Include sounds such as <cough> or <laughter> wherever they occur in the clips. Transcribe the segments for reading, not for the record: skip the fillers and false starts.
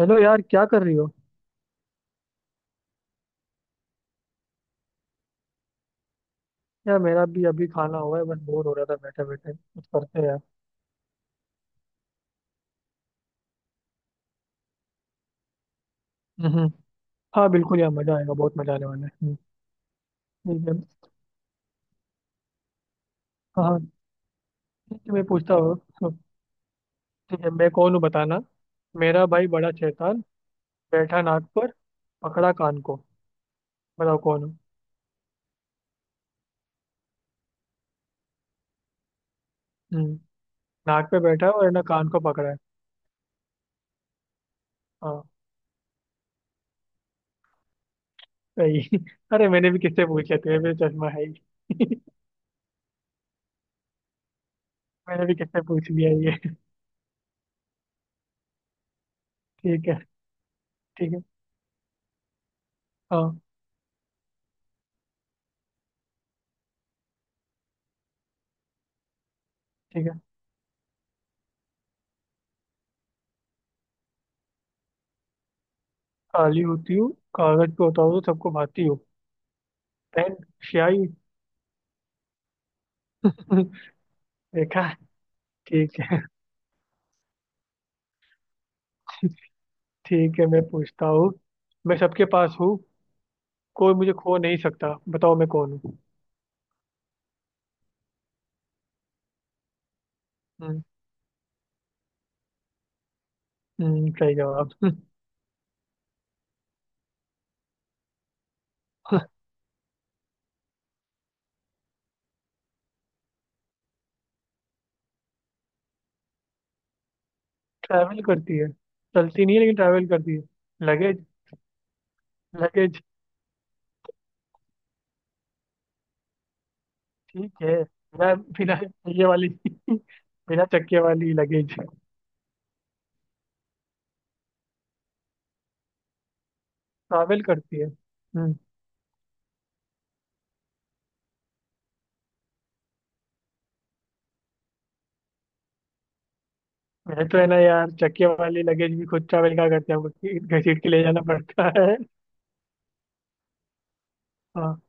Hello यार, क्या कर रही हो। यार, मेरा भी अभी खाना हुआ है। बस बोर हो रहा था बैठे बैठे कुछ करते हैं यार। हम्म। हाँ बिल्कुल यार, मजा आएगा, बहुत मजा आने वाला है। ठीक है। हाँ हाँ, ठीक है मैं पूछता हूँ तो, ठीक है, मैं कौन हूँ बताना। मेरा भाई बड़ा शैतान, बैठा नाक पर, पकड़ा कान को, बताओ कौन हूँ। हम्म, नाक पे बैठा है, और है ना, कान को पकड़ा है। हाँ सही। <laughs> अरे मैंने भी किससे पूछ लिया, तेरे पे चश्मा है ही। मैंने भी किससे पूछ लिया ये। <laughs> ठीक है। ठीक है। हाँ। ठीक है, काली होती हूँ, कागज पे होता हूँ तो सबको भाती हूँ। पेन। स्याही। <laughs> देखा। ठीक है। ठीक है मैं पूछता हूँ। मैं सबके पास हूँ, कोई मुझे खो नहीं सकता, बताओ मैं कौन हूँ। हम्म। सही जवाब। <laughs> ट्रैवल करती है। चलती नहीं है लेकिन ट्रैवल करती है। लगेज। लगेज। ठीक है। बिना बिना ये वाली। <laughs> बिना चक्के वाली लगेज। ट्रैवल करती है। हम्म। वैसे तो है ना यार, चक्के वाली लगेज भी खुद ट्रैवल क्या करते हैं, हमको घसीट घसीट के ले जाना पड़ता है। हाँ।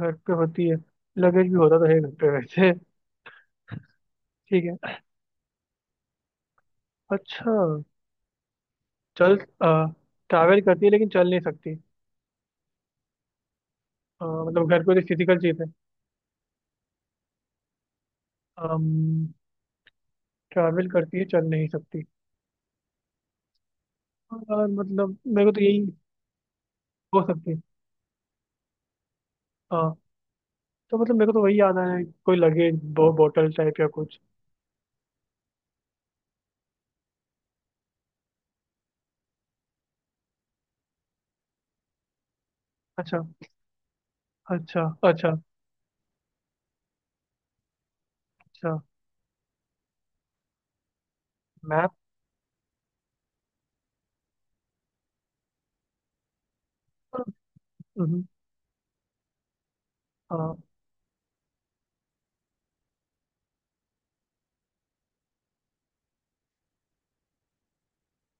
घर पे होती है। लगेज भी होता तो है घर पे वैसे। ठीक है। अच्छा। चल, ट्रैवल करती है लेकिन चल नहीं सकती। मतलब घर पे तो फिजिकल चीज़ है। ट्रैवल करती है, चल नहीं सकती। और मतलब मेरे को तो यही हो सकती है। हाँ। तो मतलब मेरे को तो वही याद आया है, कोई लगेज बोतल टाइप या कुछ। अच्छा। अच्छा। अच्छा। अच्छा। मैप। हम्म, हाँ।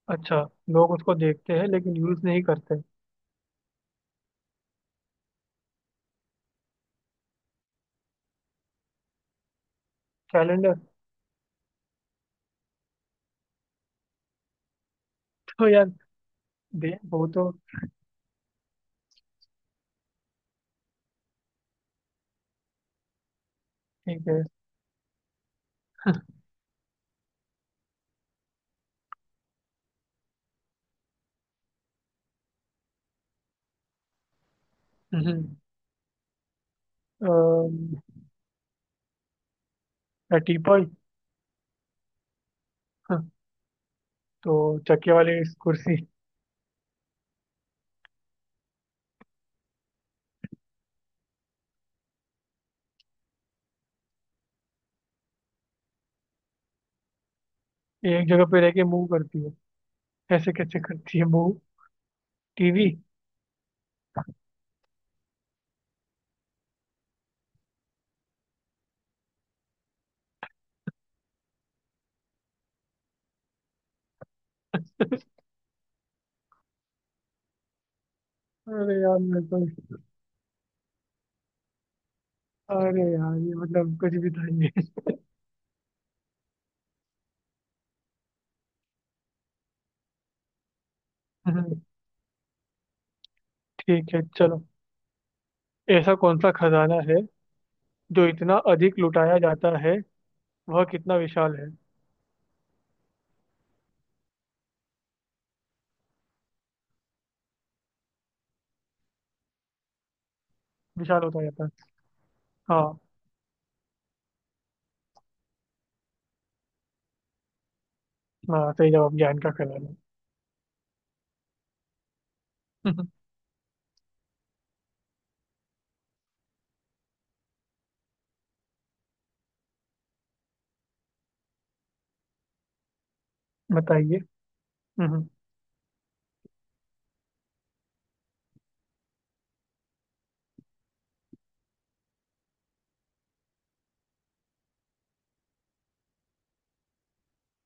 अच्छा, लोग उसको देखते हैं लेकिन यूज नहीं करते। कैलेंडर। तो यार, दे, वो तो ठीक है। हम्म, अम, या टीपॉय। हाँ, तो चक्के वाली कुर्सी। एक जगह पे रह के मूव करती है। ऐसे कैसे करती है मूव। टीवी। अरे यार मेरे को, अरे यार ये मतलब कुछ भी था ये। <laughs> ठीक है चलो। ऐसा कौन सा खजाना है जो इतना अधिक लुटाया जाता है, वह कितना विशाल है, विशाल होता जाता है। हाँ। हाँ सही जवाब, ज्ञान का खजाना। <laughs> बताइए। हम्म,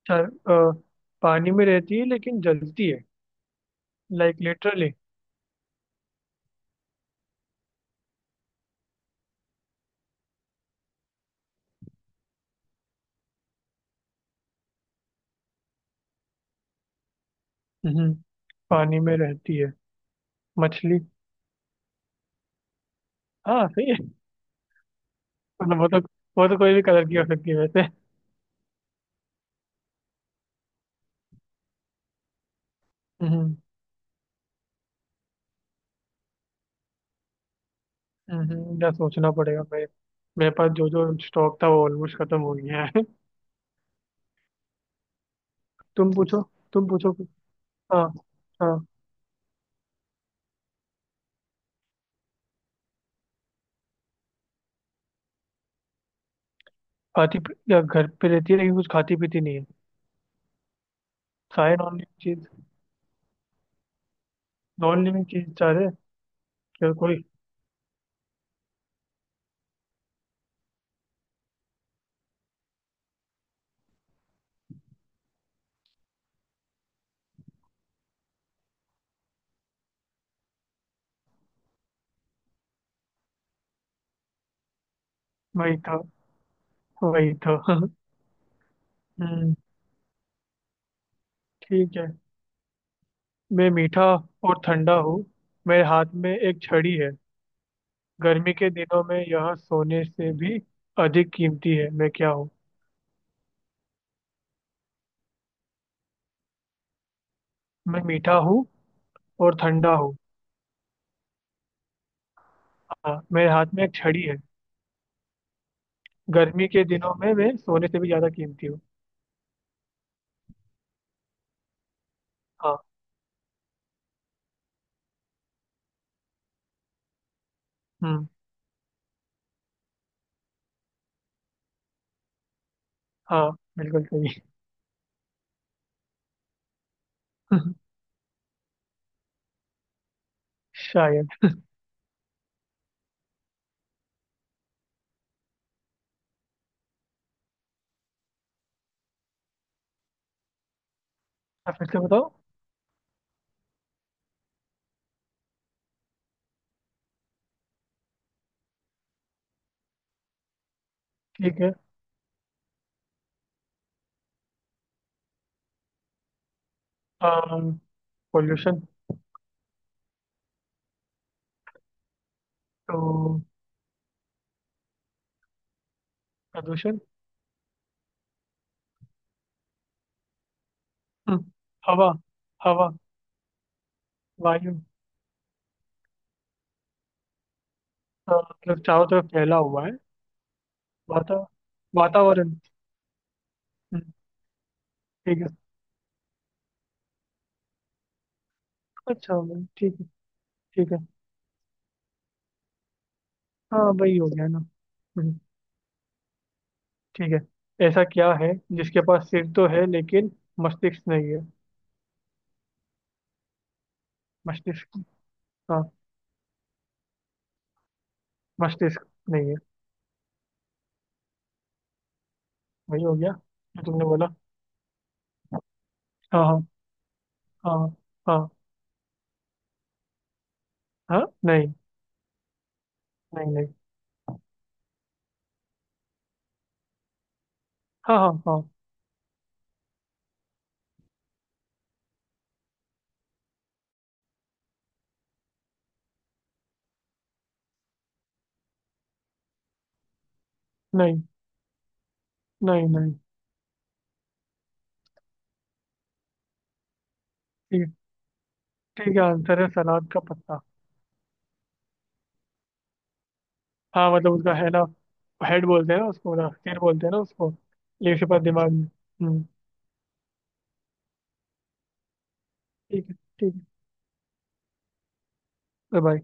चल, पानी में रहती है लेकिन जलती है। Like literally. पानी में रहती है। मछली। हाँ सही है। मतलब वो तो, कोई भी कलर की हो सकती है वैसे। हम्म। या सोचना पड़ेगा मेरे। मेरे पास जो जो स्टॉक था वो ऑलमोस्ट खत्म हो गया है। <laughs> तुम पूछो। तुम पूछो कुछ। हाँ। हाँ। या घर पे रहती है लेकिन कुछ खाती पीती नहीं है। सारे नॉन लिविंग चीज। नॉन लिविंग चीज चाह रहे। क्या कोई। वही था। वही था। <laughs> हम्म। ठीक है। मैं मीठा और ठंडा हूँ। मेरे हाथ में एक छड़ी है। गर्मी के दिनों में यह सोने से भी अधिक कीमती है। मैं क्या हूँ। मैं मीठा हूँ और ठंडा हूँ। हाँ मेरे हाथ में एक छड़ी है। गर्मी के दिनों में मैं सोने से भी ज्यादा कीमती हूँ। हाँ। हम्म। हाँ बिल्कुल सही। <laughs> शायद। आप फिर से बताओ। ठीक है। पॉल्यूशन। तो। प्रदूषण। हम्म, हवा। हवा। वायु। मतलब चारों तरफ फैला हुआ है। वाता वातावरण। हम्म, ठीक है। अच्छा भाई ठीक है। ठीक है। हाँ वही हो गया ना। हम्म, ठीक है, ऐसा क्या है जिसके पास सिर तो है लेकिन मस्तिष्क नहीं है। मस्तिष्क। हाँ, मस्तिष्क नहीं है। वही हो गया जो तुमने बोला। हाँ हाँ। हाँ। हाँ। हाँ नहीं नहीं नहीं। हाँ हाँ हाँ। नहीं नहीं नहीं। ठीक। ठीक है, आंसर है सलाद का पत्ता। हाँ मतलब उसका है ना, हेड बोलते हैं ना उसको, ना सिर बोलते हैं ना उसको, लेकिन उसके पास दिमाग नहीं। हम्म। ठीक है। ठीक है बाय।